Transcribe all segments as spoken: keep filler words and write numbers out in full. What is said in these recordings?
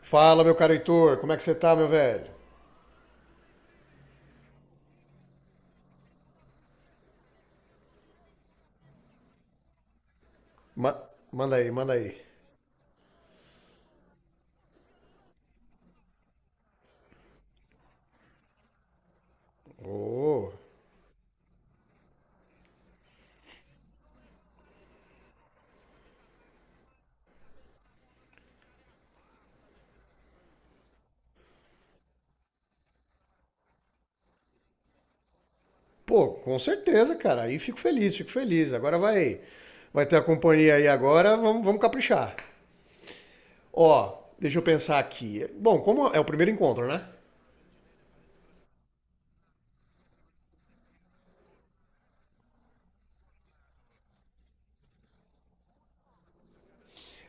Fala, meu caro Heitor, como é que você tá, meu velho? Ma- Manda aí, manda aí. Ô, pô, com certeza, cara. Aí fico feliz, fico feliz. Agora vai, vai ter a companhia aí agora, vamos, vamos caprichar. Ó, deixa eu pensar aqui. Bom, como é o primeiro encontro, né?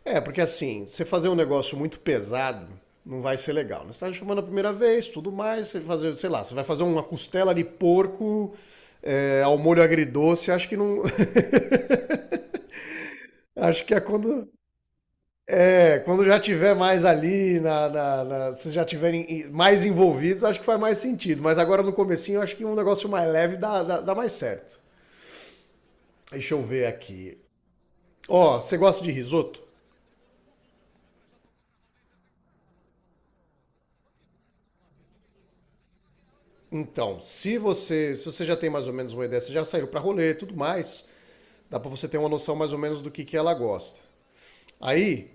É, porque assim, você fazer um negócio muito pesado não vai ser legal. Né? Você tá chamando a primeira vez, tudo mais, você fazer, sei lá, você vai fazer uma costela de porco é, ao molho agridoce, acho que não. Acho que é quando. É, quando já tiver mais ali, na, na, na- se já tiverem mais envolvidos, acho que faz mais sentido. Mas agora no comecinho, eu acho que um negócio mais leve dá, dá, dá mais certo. Deixa eu ver aqui. Ó, você gosta de risoto? Então, se você, se você já tem mais ou menos uma ideia, você já saiu pra rolê e tudo mais, dá pra você ter uma noção mais ou menos do que, que ela gosta. Aí,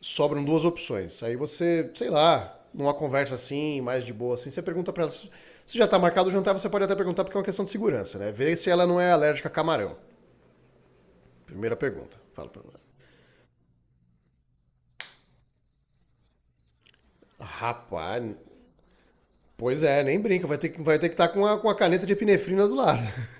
sobram duas opções. Aí você, sei lá, numa conversa assim, mais de boa assim, você pergunta para ela se já tá marcado o jantar, você pode até perguntar porque é uma questão de segurança, né? Vê se ela não é alérgica a camarão. Primeira pergunta. Fala para ela. Rapaz, pois é, nem brinca, vai ter que vai ter que estar com a, com a caneta de epinefrina do lado.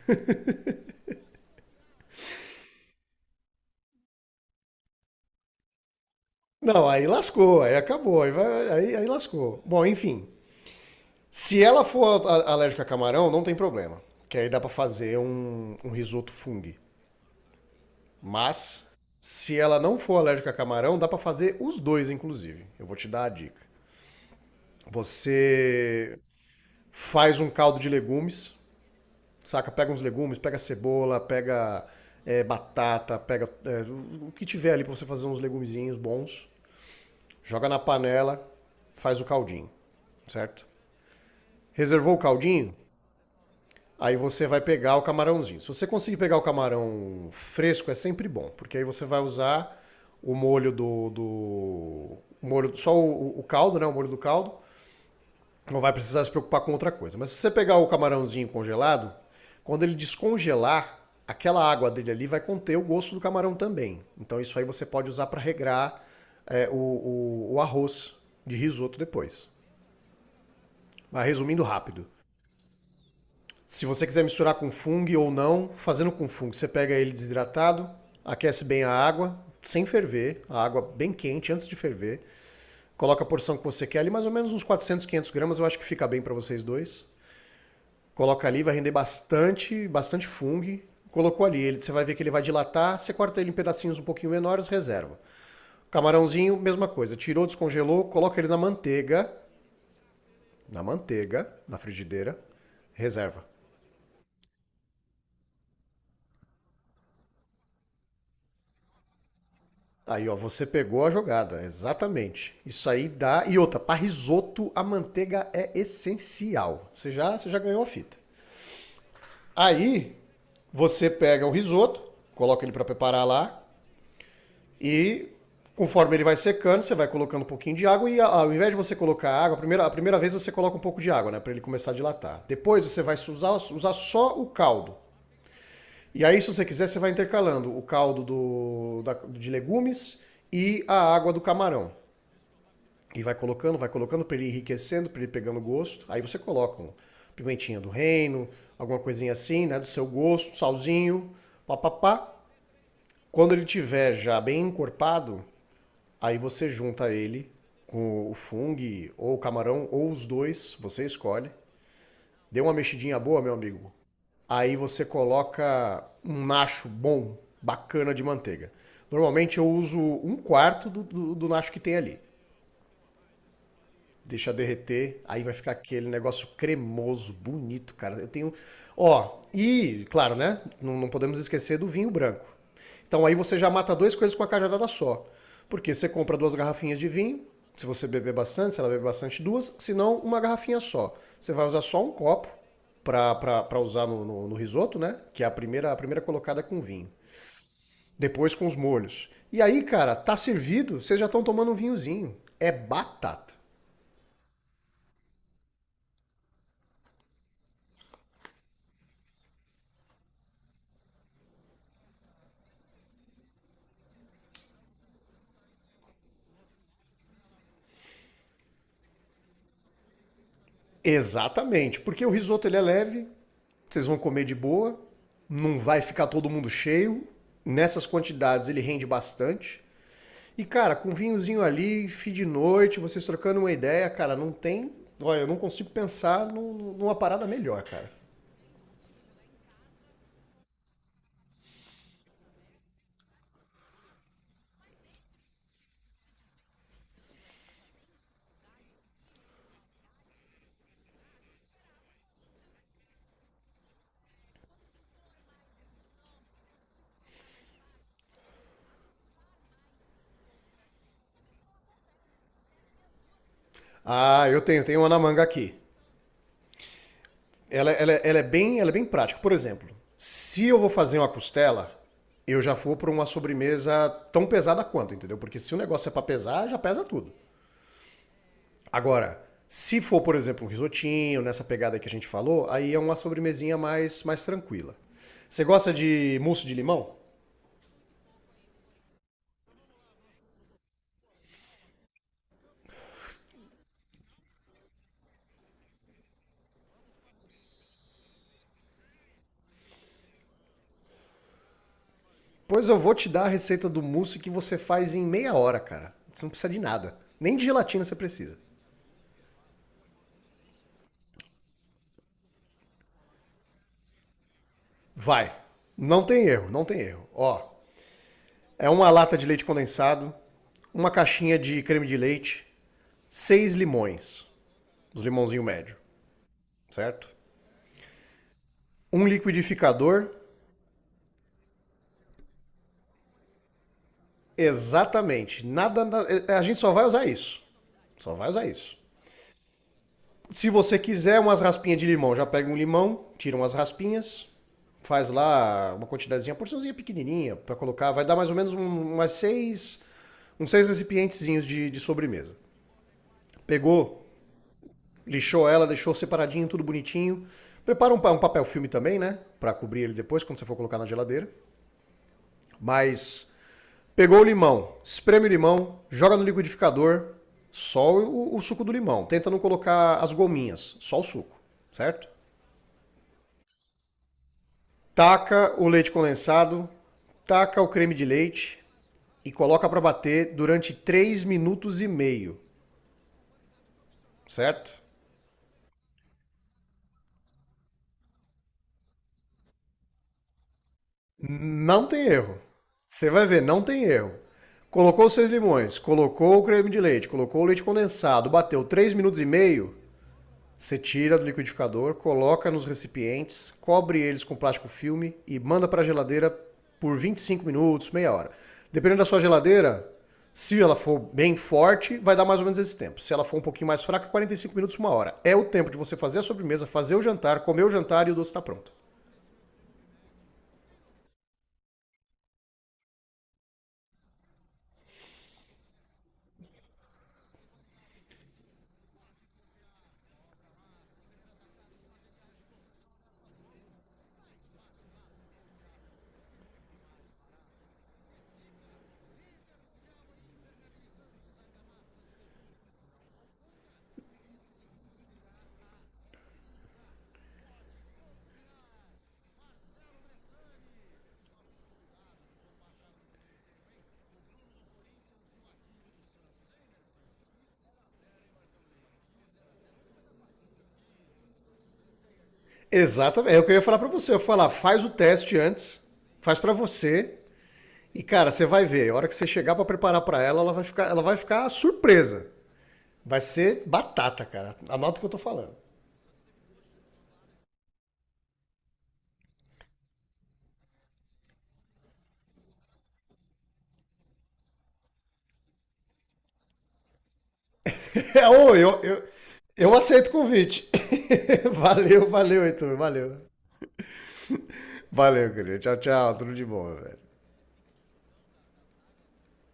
Não, aí lascou, aí acabou, aí vai- aí, aí lascou. Bom, enfim. Se ela for alérgica a camarão, não tem problema. Que aí dá pra fazer um, um risoto fungo. Mas, se ela não for alérgica a camarão, dá para fazer os dois, inclusive. Eu vou te dar a dica. Você faz um caldo de legumes, saca? Pega uns legumes, pega cebola, pega é, batata, pega é, o que tiver ali para você fazer uns legumezinhos bons. Joga na panela, faz o caldinho, certo? Reservou o caldinho? Aí você vai pegar o camarãozinho. Se você conseguir pegar o camarão fresco, é sempre bom, porque aí você vai usar o molho do. Do molho, só o, o caldo, né? O molho do caldo. Não vai precisar se preocupar com outra coisa. Mas se você pegar o camarãozinho congelado, quando ele descongelar, aquela água dele ali vai conter o gosto do camarão também. Então isso aí você pode usar para regrar é, o, o, o arroz de risoto depois. Mas resumindo rápido, se você quiser misturar com fung ou não, fazendo com fung, você pega ele desidratado, aquece bem a água, sem ferver, a água bem quente antes de ferver. Coloca a porção que você quer ali, mais ou menos uns quatrocentos, 500 gramas, eu acho que fica bem para vocês dois. Coloca ali, vai render bastante, bastante fungo. Colocou ali, ele, você vai ver que ele vai dilatar, você corta ele em pedacinhos um pouquinho menores, reserva. Camarãozinho, mesma coisa, tirou, descongelou, coloca ele na manteiga, na manteiga, na frigideira, reserva. Aí, ó, você pegou a jogada, exatamente. Isso aí dá. E outra, para risoto a manteiga é essencial. Você já, você já ganhou a fita. Aí, você pega o risoto, coloca ele para preparar lá e conforme ele vai secando, você vai colocando um pouquinho de água e ao invés de você colocar água, a primeira, a primeira vez você coloca um pouco de água, né, para ele começar a dilatar. Depois você vai usar, usar só o caldo. E aí, se você quiser, você vai intercalando o caldo do, da- de legumes e a água do camarão. E vai colocando, vai colocando para ele enriquecendo, para ele pegando gosto. Aí você coloca um pimentinha do reino, alguma coisinha assim, né, do seu gosto, salzinho, papapá. Quando ele tiver já bem encorpado, aí você junta ele com o fungo ou o camarão ou os dois, você escolhe. Dê uma mexidinha boa, meu amigo. Aí você coloca um nacho bom, bacana de manteiga. Normalmente eu uso um quarto do, do, do nacho que tem ali. Deixa derreter, aí vai ficar aquele negócio cremoso, bonito, cara. Eu tenho. Ó, e, claro, né? Não, não podemos esquecer do vinho branco. Então aí você já mata duas coisas com a cajadada só. Porque você compra duas garrafinhas de vinho, se você beber bastante, se ela beber bastante, duas, se não, uma garrafinha só. Você vai usar só um copo para usar no, no, no risoto, né? Que é a primeira, a primeira colocada com vinho. Depois com os molhos. E aí, cara, tá servido, vocês já estão tomando um vinhozinho. É batata. Exatamente, porque o risoto ele é leve, vocês vão comer de boa, não vai ficar todo mundo cheio. Nessas quantidades ele rende bastante. E cara, com um vinhozinho ali, fim de noite, vocês trocando uma ideia, cara, não tem. Olha, eu não consigo pensar num- numa parada melhor, cara. Ah, eu tenho, tenho uma na manga aqui. Ela, ela- ela é bem, ela é bem prática. Por exemplo, se eu vou fazer uma costela, eu já vou para uma sobremesa tão pesada quanto, entendeu? Porque se o negócio é para pesar, já pesa tudo. Agora, se for, por exemplo, um risotinho, nessa pegada que a gente falou, aí é uma sobremesinha mais, mais tranquila. Você gosta de mousse de limão? Pois eu vou te dar a receita do mousse que você faz em meia hora, cara. Você não precisa de nada. Nem de gelatina você precisa. Vai. Não tem erro, não tem erro. Ó, é uma lata de leite condensado, uma caixinha de creme de leite, seis limões, os limãozinhos médio, certo? Um liquidificador. Exatamente. Nada, a gente só vai usar isso. Só vai usar isso. Se você quiser umas raspinhas de limão, já pega um limão, tira umas raspinhas, faz lá uma quantidadezinha, uma porçãozinha pequenininha para colocar, vai dar mais ou menos um- umas seis, uns seis recipientezinhos de, de sobremesa. Pegou, lixou ela, deixou separadinho, tudo bonitinho. Prepara um, um papel filme também, né, para cobrir ele depois quando você for colocar na geladeira. Mas pegou o limão, espreme o limão, joga no liquidificador, só o, o suco do limão. Tenta não colocar as gominhas, só o suco, certo? Taca o leite condensado, taca o creme de leite e coloca para bater durante três minutos e meio, certo? Não tem erro. Você vai ver, não tem erro. Colocou os seis limões, colocou o creme de leite, colocou o leite condensado, bateu três minutos e meio, você tira do liquidificador, coloca nos recipientes, cobre eles com plástico filme e manda para a geladeira por vinte e cinco minutos, meia hora. Dependendo da sua geladeira, se ela for bem forte, vai dar mais ou menos esse tempo. Se ela for um pouquinho mais fraca, quarenta e cinco minutos, uma hora. É o tempo de você fazer a sobremesa, fazer o jantar, comer o jantar e o doce está pronto. Exatamente, é o que eu ia falar para você. Eu ia falar, faz o teste antes, faz para você e cara, você vai ver. A hora que você chegar para preparar para ela, ela vai ficar, ela vai ficar surpresa. Vai ser batata, cara. Anota o que eu tô falando. É, ô, eu, eu, eu aceito o convite. Valeu, valeu, Heitor. Valeu. Valeu, querido. Tchau, tchau. Tudo de bom, velho.